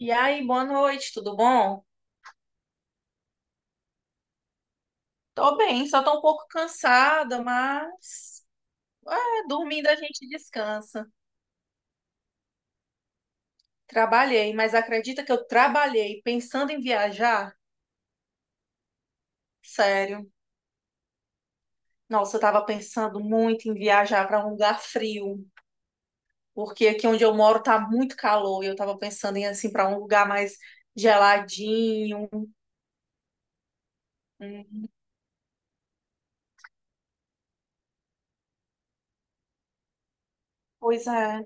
E aí, boa noite, tudo bom? Tô bem, só tô um pouco cansada, mas dormindo a gente descansa. Trabalhei, mas acredita que eu trabalhei pensando em viajar? Sério. Nossa, eu tava pensando muito em viajar para um lugar frio, porque aqui onde eu moro tá muito calor e eu tava pensando em assim para um lugar mais geladinho. Hum. Pois é.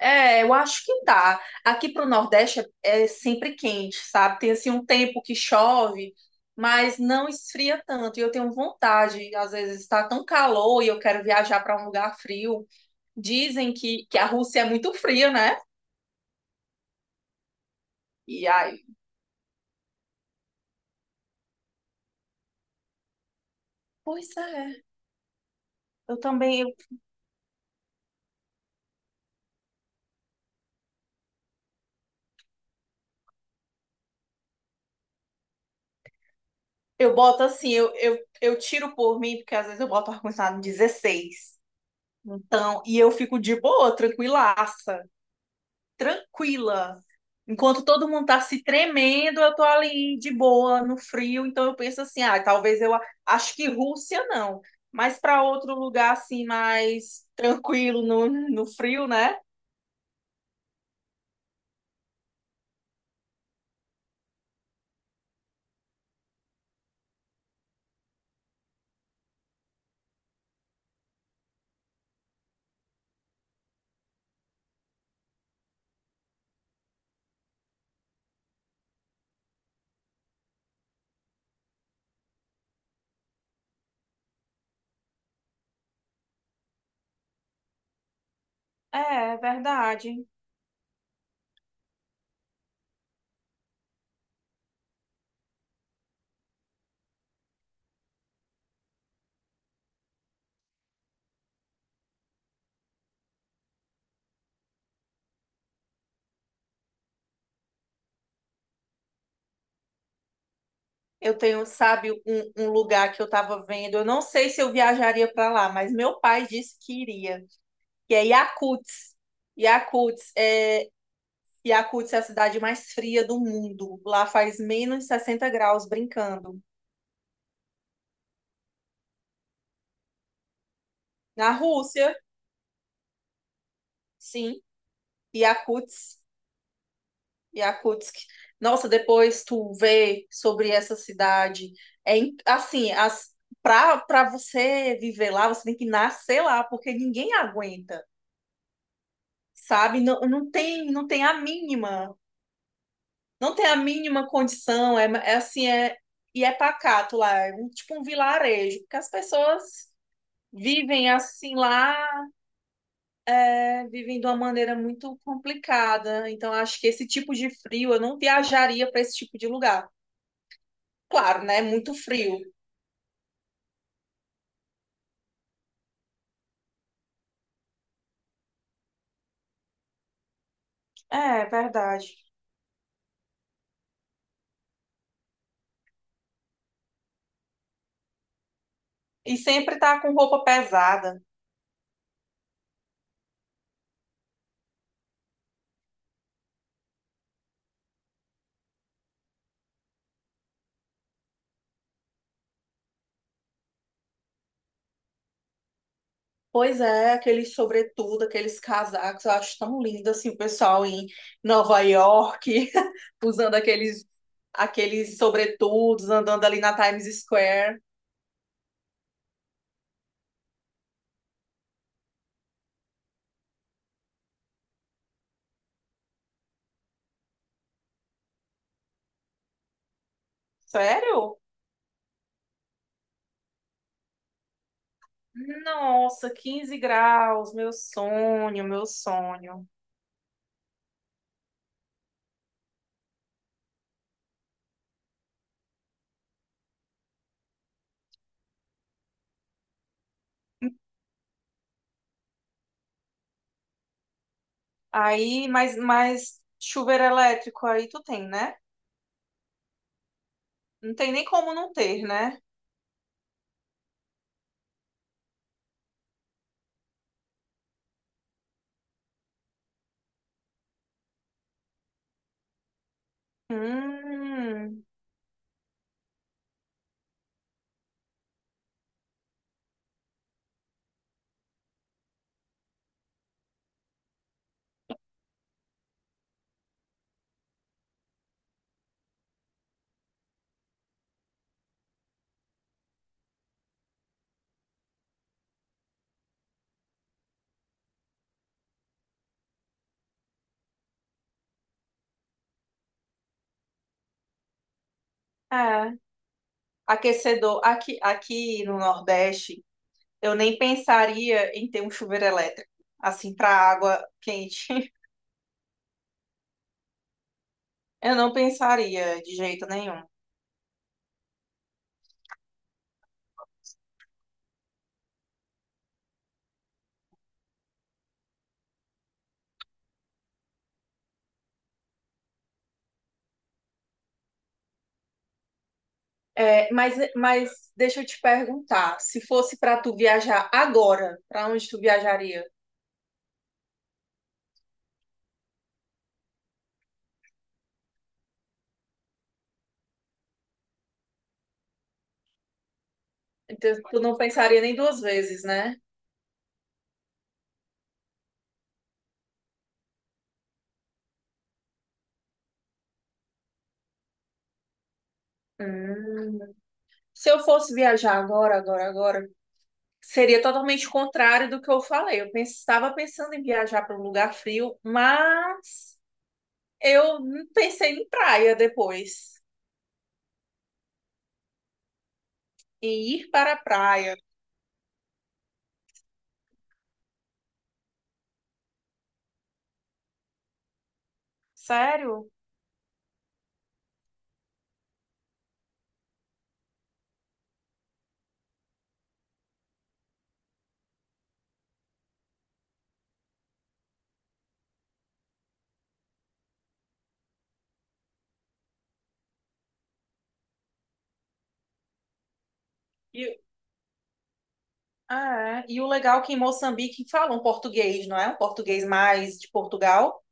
É, eu acho que dá. Aqui para o Nordeste é sempre quente, sabe? Tem assim um tempo que chove, mas não esfria tanto. E eu tenho vontade, às vezes está tão calor e eu quero viajar para um lugar frio. Dizem que a Rússia é muito fria, né? E aí, pois é. Eu também, eu boto assim, eu tiro por mim, porque às vezes eu boto ar-condicionado em 16. Então, e eu fico de boa, tranquilaça, tranquila. Enquanto todo mundo tá se tremendo, eu tô ali de boa, no frio, então eu penso assim, ah, talvez acho que Rússia não, mas para outro lugar assim mais tranquilo no frio, né? É, é verdade. Eu tenho, sabe, um lugar que eu tava vendo, eu não sei se eu viajaria para lá, mas meu pai disse que iria, que é Yakutsk. Yakutsk é, Yakutsk é a cidade mais fria do mundo. Lá faz -60 graus brincando. Na Rússia, sim. Yakutsk, Yakutsk. Nossa, depois tu vê sobre essa cidade. É in- assim, as para para você viver lá, você tem que nascer lá, porque ninguém aguenta, sabe? Não, não tem a mínima, não tem a mínima condição, é assim, e é pacato lá, é um, tipo um vilarejo, porque as pessoas vivem assim lá, né, vivem de uma maneira muito complicada. Então acho que esse tipo de frio, eu não viajaria para esse tipo de lugar. Claro, né? Muito frio. É, verdade. E sempre tá com roupa pesada. Pois é, aqueles sobretudo, aqueles casacos, eu acho tão lindo assim, o pessoal em Nova York, usando aqueles sobretudos, andando ali na Times Square. Sério? Nossa, 15 graus, meu sonho, meu sonho. Aí, mas chuveiro elétrico aí tu tem, né? Não tem nem como não ter, né? Hum, é. Aquecedor, aqui no Nordeste, eu nem pensaria em ter um chuveiro elétrico, assim, para água quente. Eu não pensaria de jeito nenhum. É, mas deixa eu te perguntar, se fosse para tu viajar agora, para onde tu viajaria? Então, tu não pensaria nem duas vezes, né? Hum. Se eu fosse viajar agora, agora, agora, seria totalmente contrário do que eu falei. Eu estava pensando em viajar para um lugar frio, mas eu pensei em praia depois, em ir para a praia. Sério? E, ah, é. E o legal é que em Moçambique falam português, não é? Um português mais de Portugal.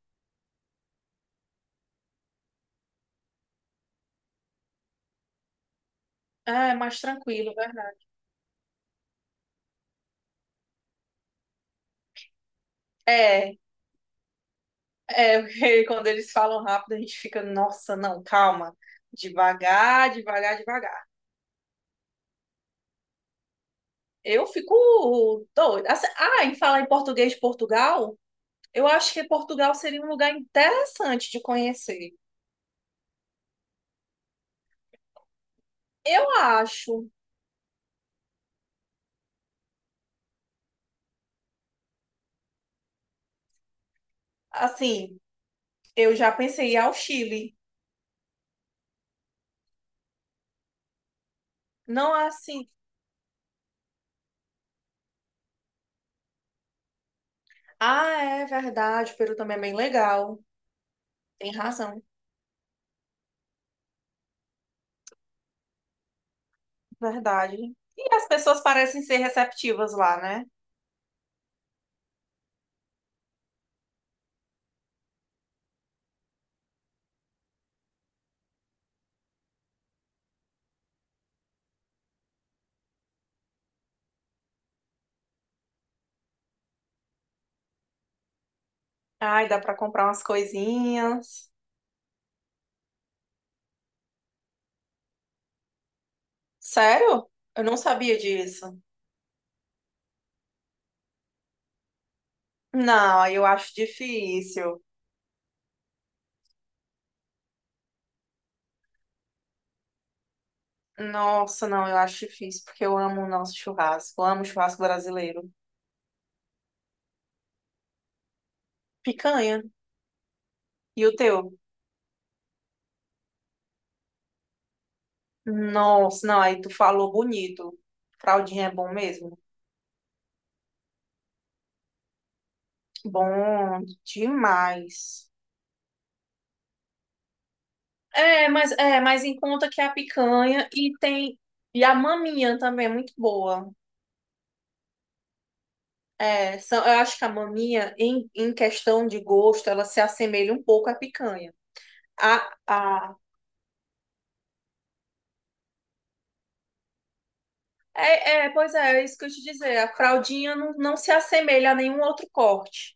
Ah, é mais tranquilo, verdade. É, é, porque quando eles falam rápido, a gente fica, nossa, não, calma. Devagar, devagar, devagar. Eu fico doida. Assim, ah, em falar em português de Portugal, eu acho que Portugal seria um lugar interessante de conhecer. Eu acho, assim, eu já pensei em ir ao Chile. Não é assim. Ah, é verdade, o Peru também é bem legal. Tem razão, verdade. E as pessoas parecem ser receptivas lá, né? Ai, dá pra comprar umas coisinhas. Sério? Eu não sabia disso. Não, aí eu acho difícil. Nossa, não, eu acho difícil, porque eu amo o nosso churrasco. Eu amo o churrasco brasileiro. Picanha. E o teu? Nossa, não, aí tu falou bonito. Fraldinha é bom mesmo. Bom demais. É, mas em conta que a picanha e a maminha também é muito boa. É, são, eu acho que a maminha em questão de gosto, ela se assemelha um pouco à picanha. A, a pois é, é isso que eu te dizer. A fraldinha não, não se assemelha a nenhum outro corte.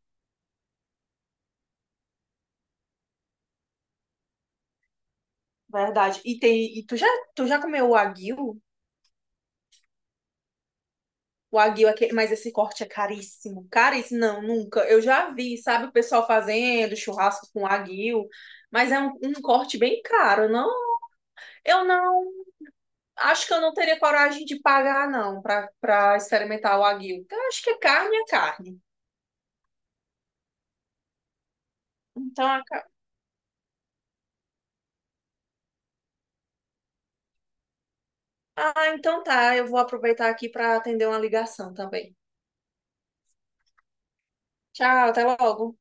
Verdade. E tu já comeu o wagyu? O aguil, mas esse corte é caríssimo. Caríssimo, não, nunca. Eu já vi, sabe, o pessoal fazendo churrasco com aguil, mas é um corte bem caro, não? Eu não, acho que eu não teria coragem de pagar, não, para experimentar o aguil. Eu acho que é carne, é carne. Então, a ca- então tá, eu vou aproveitar aqui para atender uma ligação também. Tchau, até logo.